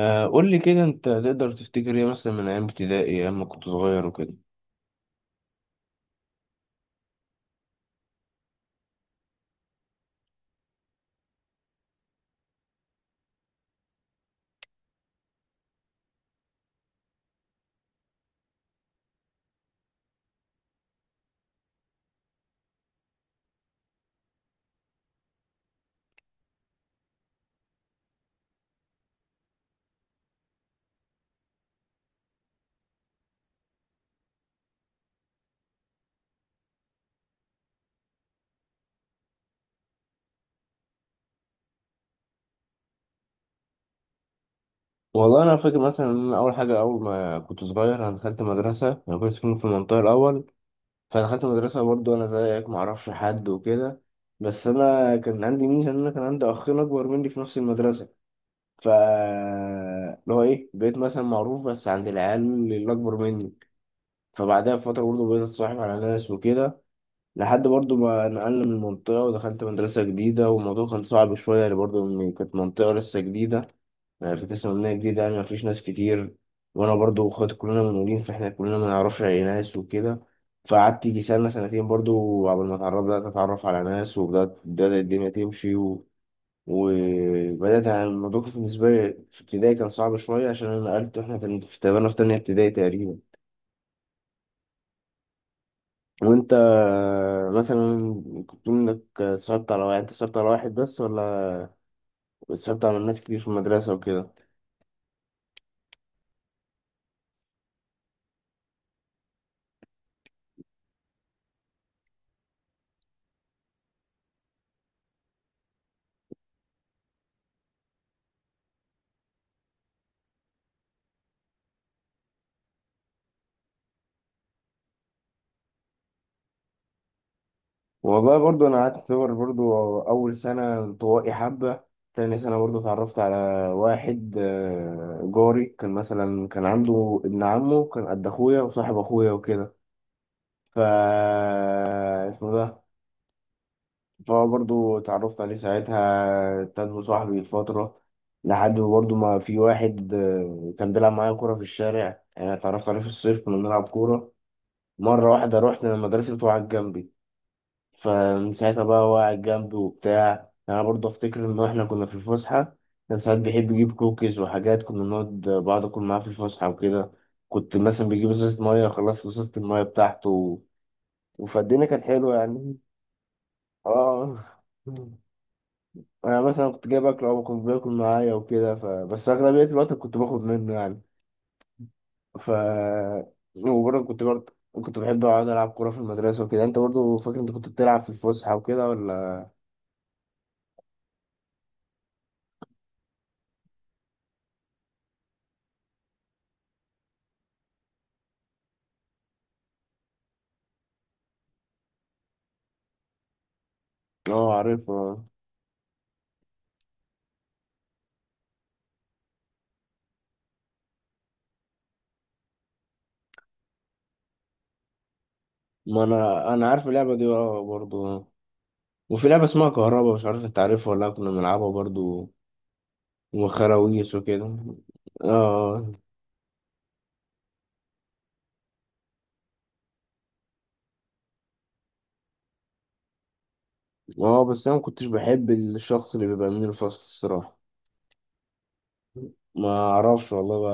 آه، قول لي كده انت تقدر تفتكر ايه مثلا من ايام ابتدائي، ايام ما كنت صغير وكده. والله انا فاكر مثلا ان أنا اول حاجه، اول ما كنت صغير انا دخلت مدرسه، انا كنت ساكن في المنطقه الاول، فدخلت مدرسه برضو انا زيك ما اعرفش حد وكده. بس انا كان عندي ميزه ان انا كان عندي اخين اكبر مني في نفس المدرسه، اللي هو ايه، بقيت مثلا معروف بس عند العيال اللي اكبر مني. فبعدها بفتره برضو بقيت اتصاحب على ناس وكده، لحد برضو ما نقلنا من المنطقة ودخلت مدرسة جديدة. والموضوع كان صعب شوية يعني، برضو إن كانت منطقة لسه جديدة، يعني كنت لسه مبنية جديدة، يعني مفيش ناس كتير. وأنا برضو وأخواتي كلنا منقولين، فإحنا كلنا ما نعرفش أي ناس وكده. فقعدت يجي سنة سنتين برضو قبل ما اتعرف، بدأت أتعرف على ناس وبدأت الدنيا تمشي وبدأت، يعني الموضوع كان بالنسبة لي في ابتدائي كان صعب شوية عشان أنا نقلت، وإحنا كان في تقريبا في تانية ابتدائي تقريبا. وانت مثلا كنت بتقول انك اتصاحبت على واحد، انت اتصاحبت على واحد بس ولا اتصاحبت على ناس كتير في المدرسة وكده؟ والله برضو انا قعدت اعتبر برضو اول سنة انطوائي حبة، تاني سنة برضو اتعرفت على واحد، جاري، كان مثلا كان عنده ابن عمه كان قد اخويا وصاحب اخويا وكده، ف اسمه ده. فهو برضو اتعرفت عليه ساعتها، ابتدى صاحبي فترة، لحد ما برضو ما في واحد، كان بيلعب معايا كورة في الشارع، يعني اتعرفت عليه في الصيف كنا بنلعب كورة. مرة واحدة رحنا مدرسته وقعد جنبي، فمن ساعتها بقى هو قاعد جنبي وبتاع. يعني أنا برضو أفتكر إن إحنا كنا في الفسحة، كان ساعات بيحب يجيب كوكيز وحاجات، كنا نقعد بعض أكل معاه في الفسحة وكده. كنت مثلا بيجيب ازازة مية، خلصت ازازة المية بتاعته، وفالدنيا كانت حلوة يعني. اه، انا مثلا كنت جايب اكل او كنت باكل معايا وكده، بس اغلبيه الوقت كنت باخد منه يعني. ف وبرضه كنت، برضه كنت بحب اقعد العب كوره في المدرسه وكده. انت برضه فاكر انت كنت بتلعب في الفسحه وكده ولا؟ اه عارف اه. ما انا عارف اللعبه دي اه برضه. وفي لعبه اسمها كهربا، مش عارف انت عارفها ولا لأ، كنا بنلعبها برضه وخراويش وكده. اه اه. بس انا ما كنتش بحب الشخص اللي بيبقى من الفصل الصراحه. ما اعرفش والله،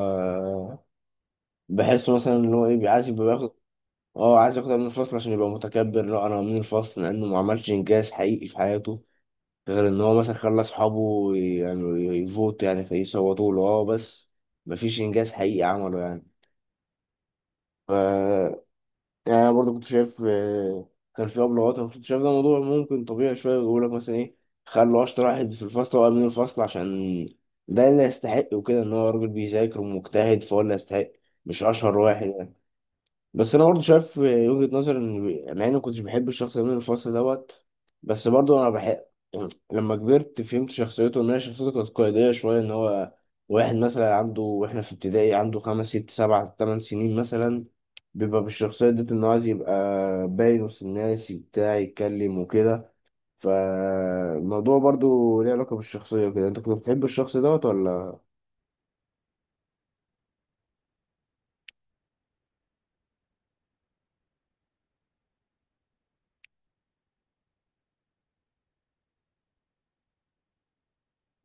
بحس مثلا ان هو ايه بيعايز يبقى. اه عايز ياخدها من الفصل عشان يبقى متكبر، لا انا من الفصل لانه ما عملش انجاز حقيقي في حياته، غير ان هو مثلا خلى اصحابه يعني يفوت، يعني فيصوتوا له اه بس. مفيش انجاز حقيقي عمله يعني. يعني انا برضه كنت شايف، كان في ابلغات، انا كنت شايف ده موضوع ممكن طبيعي شويه. بيقول لك مثلا ايه، خلوا اشطر واحد في الفصل هو امين الفصل، عشان ده اللي يستحق وكده، ان هو راجل بيذاكر ومجتهد فهو اللي يستحق، مش اشهر واحد. بس انا برضه شايف وجهة نظر، ان مع اني ما كنتش بحب الشخص ده من الفصل دوت، بس برضه انا بحب، يعني لما كبرت فهمت شخصيته ان هي شخصيته كانت قيادية شوية، ان هو واحد مثلا عنده، واحنا في ابتدائي عنده 5 6 7 8 سنين مثلا، بيبقى بالشخصية دي، ان هو عايز يبقى باين وسط الناس، بتاع يتكلم وكده. فالموضوع برضه ليه علاقة بالشخصية كده. انت كنت بتحب الشخص دوت ولا؟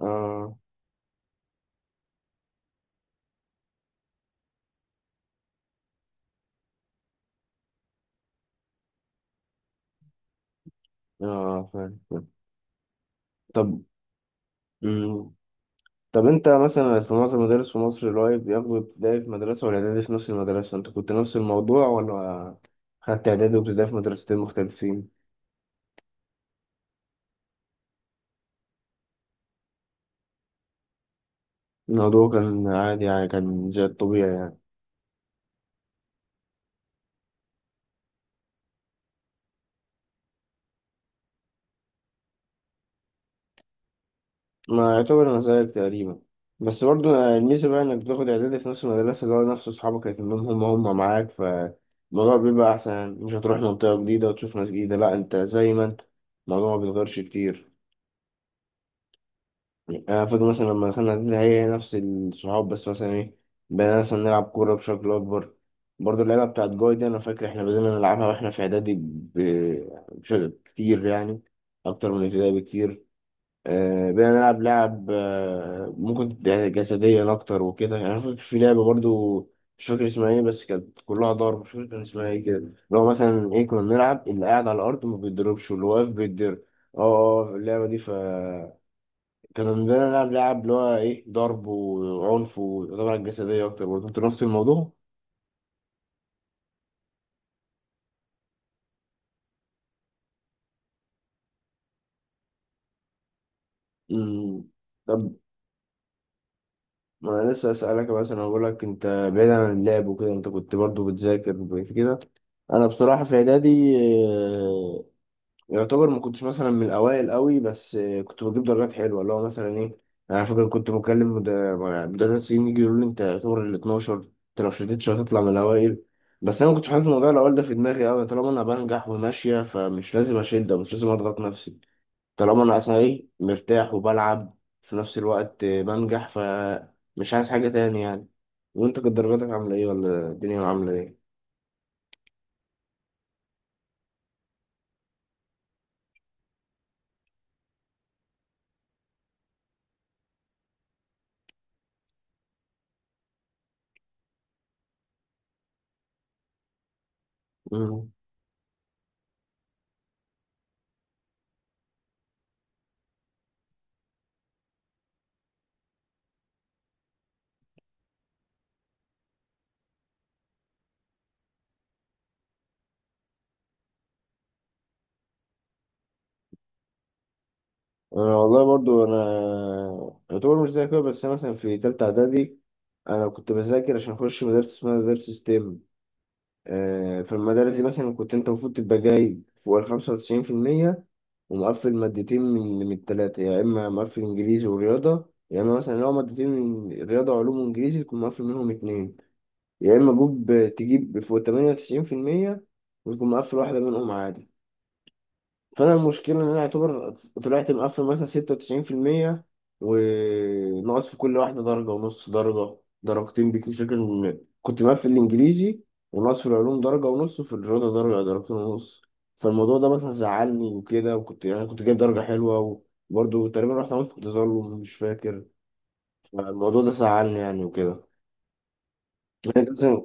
اه، اه فاهم فاهم. طب. مم. طب انت مثلا، أصل معظم المدارس في مصر اللي هو بياخدوا ابتدائي في مدرسة والاعدادي في نفس المدرسة، انت كنت نفس الموضوع ولا خدت اعدادي وابتدائي في مدرستين مختلفين؟ الموضوع كان عادي يعني، كان زي الطبيعي يعني. ما يعتبر انا زيك تقريبا، بس برضو الميزة بقى انك بتاخد اعدادي في نفس المدرسة اللي هو نفس اصحابك هيتمهم، هم هم معاك، فالموضوع بيبقى احسن يعني. مش هتروح منطقة جديدة وتشوف ناس جديدة، لا انت زي ما انت، الموضوع ما بيتغيرش كتير. يعني أنا فاكر مثلا لما دخلنا إعدادي هي نفس الصحاب، بس مثلا إيه، بدأنا مثلا نلعب كورة بشكل أكبر. برضه اللعبة بتاعت جوي دي أنا فاكر إحنا بدأنا نلعبها وإحنا في إعدادي، بشكل كتير يعني، أكتر من ابتدائي بكتير. بدأنا نلعب لعب، ممكن تبقى جسديا أكتر وكده. يعني أنا فاكر في لعبة برضه مش فاكر اسمها إيه، بس كانت كلها ضرب، مش فاكر كان اسمها إيه كده، اللي هو مثلا إيه، كنا بنلعب اللي قاعد على الأرض ما بيتضربش واللي واقف بيتضرب. اه اه، اللعبة دي. كانوا بنلعب لعب اللي هو ايه ضرب وعنف، وطبعا جسدية أكتر. برضه أنت نفس الموضوع؟ مم. طب ما أنا لسه أسألك مثلا، أقول لك أنت، بعيد عن اللعب وكده، أنت كنت برضه بتذاكر وكده؟ أنا بصراحة في إعدادي يعتبر ما كنتش مثلا من الاوائل قوي، بس كنت بجيب درجات حلوه، اللي هو مثلا ايه، انا فاكر كنت بكلم مدرسين يجي يقولوا لي انت يعتبر ال 12، انت لو شدتش هتطلع من الاوائل. بس انا ما كنتش حاطط موضوع الاوائل ده في دماغي قوي، طالما انا بنجح وماشيه، فمش لازم اشد ومش لازم اضغط نفسي. طالما انا اصلا ايه مرتاح وبلعب في نفس الوقت، بنجح، فمش عايز حاجه تاني يعني. وانت كانت درجاتك عامله ايه، ولا الدنيا عامله ايه؟ مم. أنا والله برضو أنا يعتبر مش زي كده. بس أنا مثلا في تالتة إعدادي، أنا كنت بذاكر عشان أخش مدرسة اسمها مدرسة ستيم. في المدارس دي مثلا كنت أنت المفروض تبقى جايب فوق 95%، ومقفل مادتين من التلاتة، يا إما مقفل إنجليزي ورياضة، يا إما مثلا لو مادتين من رياضة وعلوم وإنجليزي تكون مقفل منهم اتنين، يا إما جوب تجيب فوق 98% وتكون مقفل واحدة منهم عادي. فانا المشكله ان انا اعتبر طلعت مقفل مثلا 96%، وناقص في كل واحده درجه ونص، درجه درجتين بكتير. فاكر إن كنت مقفل الانجليزي، وناقص في العلوم درجه ونص، وفي الرياضه درجه درجتين ونص. فالموضوع ده مثلا زعلني وكده، وكنت يعني كنت جايب درجه حلوه، وبرضه تقريبا رحت عملت تظلم مش فاكر. فالموضوع ده زعلني يعني وكده. يعني مثلا،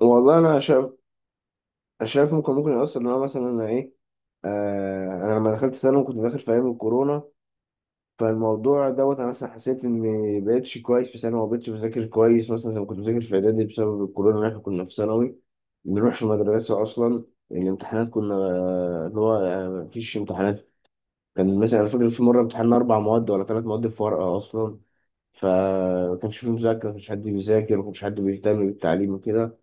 والله انا شايف، شايف ممكن، ممكن يأثر، ان انا مثلا انا ايه، آه انا لما دخلت ثانوي كنت داخل في ايام الكورونا. فالموضوع دوت انا مثلا حسيت اني بقيتش كويس في ثانوي، ما بقتش بذاكر كويس مثلا زي ما كنت بذاكر في اعدادي، بسبب الكورونا، إن احنا كنا في ثانوي ما بنروحش المدرسه اصلا. الامتحانات كنا، آه، اللي هو آه، مفيش امتحانات. كان مثلا أنا فاكر في مره امتحنا 4 مواد ولا 3 مواد في ورقه اصلا. فما كانش في مذاكره، ما كانش حد بيذاكر، ما كانش حد بيهتم بالتعليم وكده.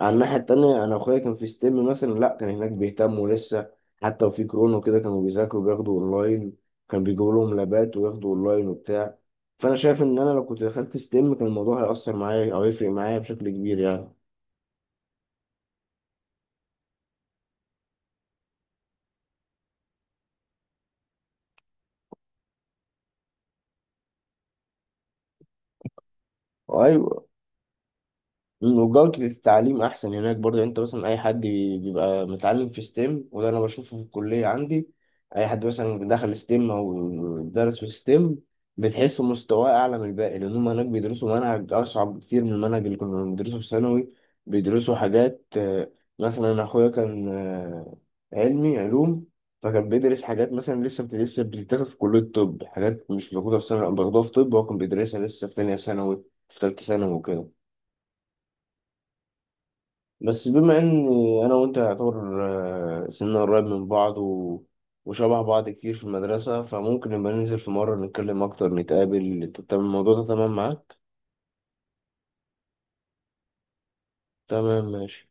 على الناحية التانية أنا أخويا كان في ستيم مثلا، لأ كان هناك بيهتموا لسه، حتى وفي كورونا وكده كانوا بيذاكروا، بياخدوا أونلاين، كان بيجيبوا لهم لابات وياخدوا أونلاين وبتاع. فأنا شايف إن أنا لو كنت دخلت ستيم كان الموضوع هيأثر معايا، أو يفرق معايا بشكل كبير يعني. أيوة. مم، وجودة التعليم أحسن هناك برضه يعني. أنت مثلا أي حد بيبقى متعلم في ستيم، وده أنا بشوفه في الكلية عندي، أي حد مثلا دخل ستيم أو درس في ستيم، بتحس مستواه أعلى من الباقي، لأن هم هناك بيدرسوا منهج أصعب كتير من المنهج اللي كنا بندرسه في ثانوي. بيدرسوا حاجات، مثلا أنا أخويا كان، علمي علوم، فكان بيدرس حاجات مثلا لسه لسه بتتاخد في كلية طب، حاجات مش موجودة في ثانوي، باخدوها في طب هو كان بيدرسها لسه في تانية ثانوي، في تالتة ثانوي وكده. بس بما ان انا وانت يعتبر، سننا قريب من بعض وشبه بعض كتير في المدرسة، فممكن نبقى ننزل في مرة نتكلم اكتر نتقابل. تمام الموضوع ده تمام معاك؟ تمام ماشي.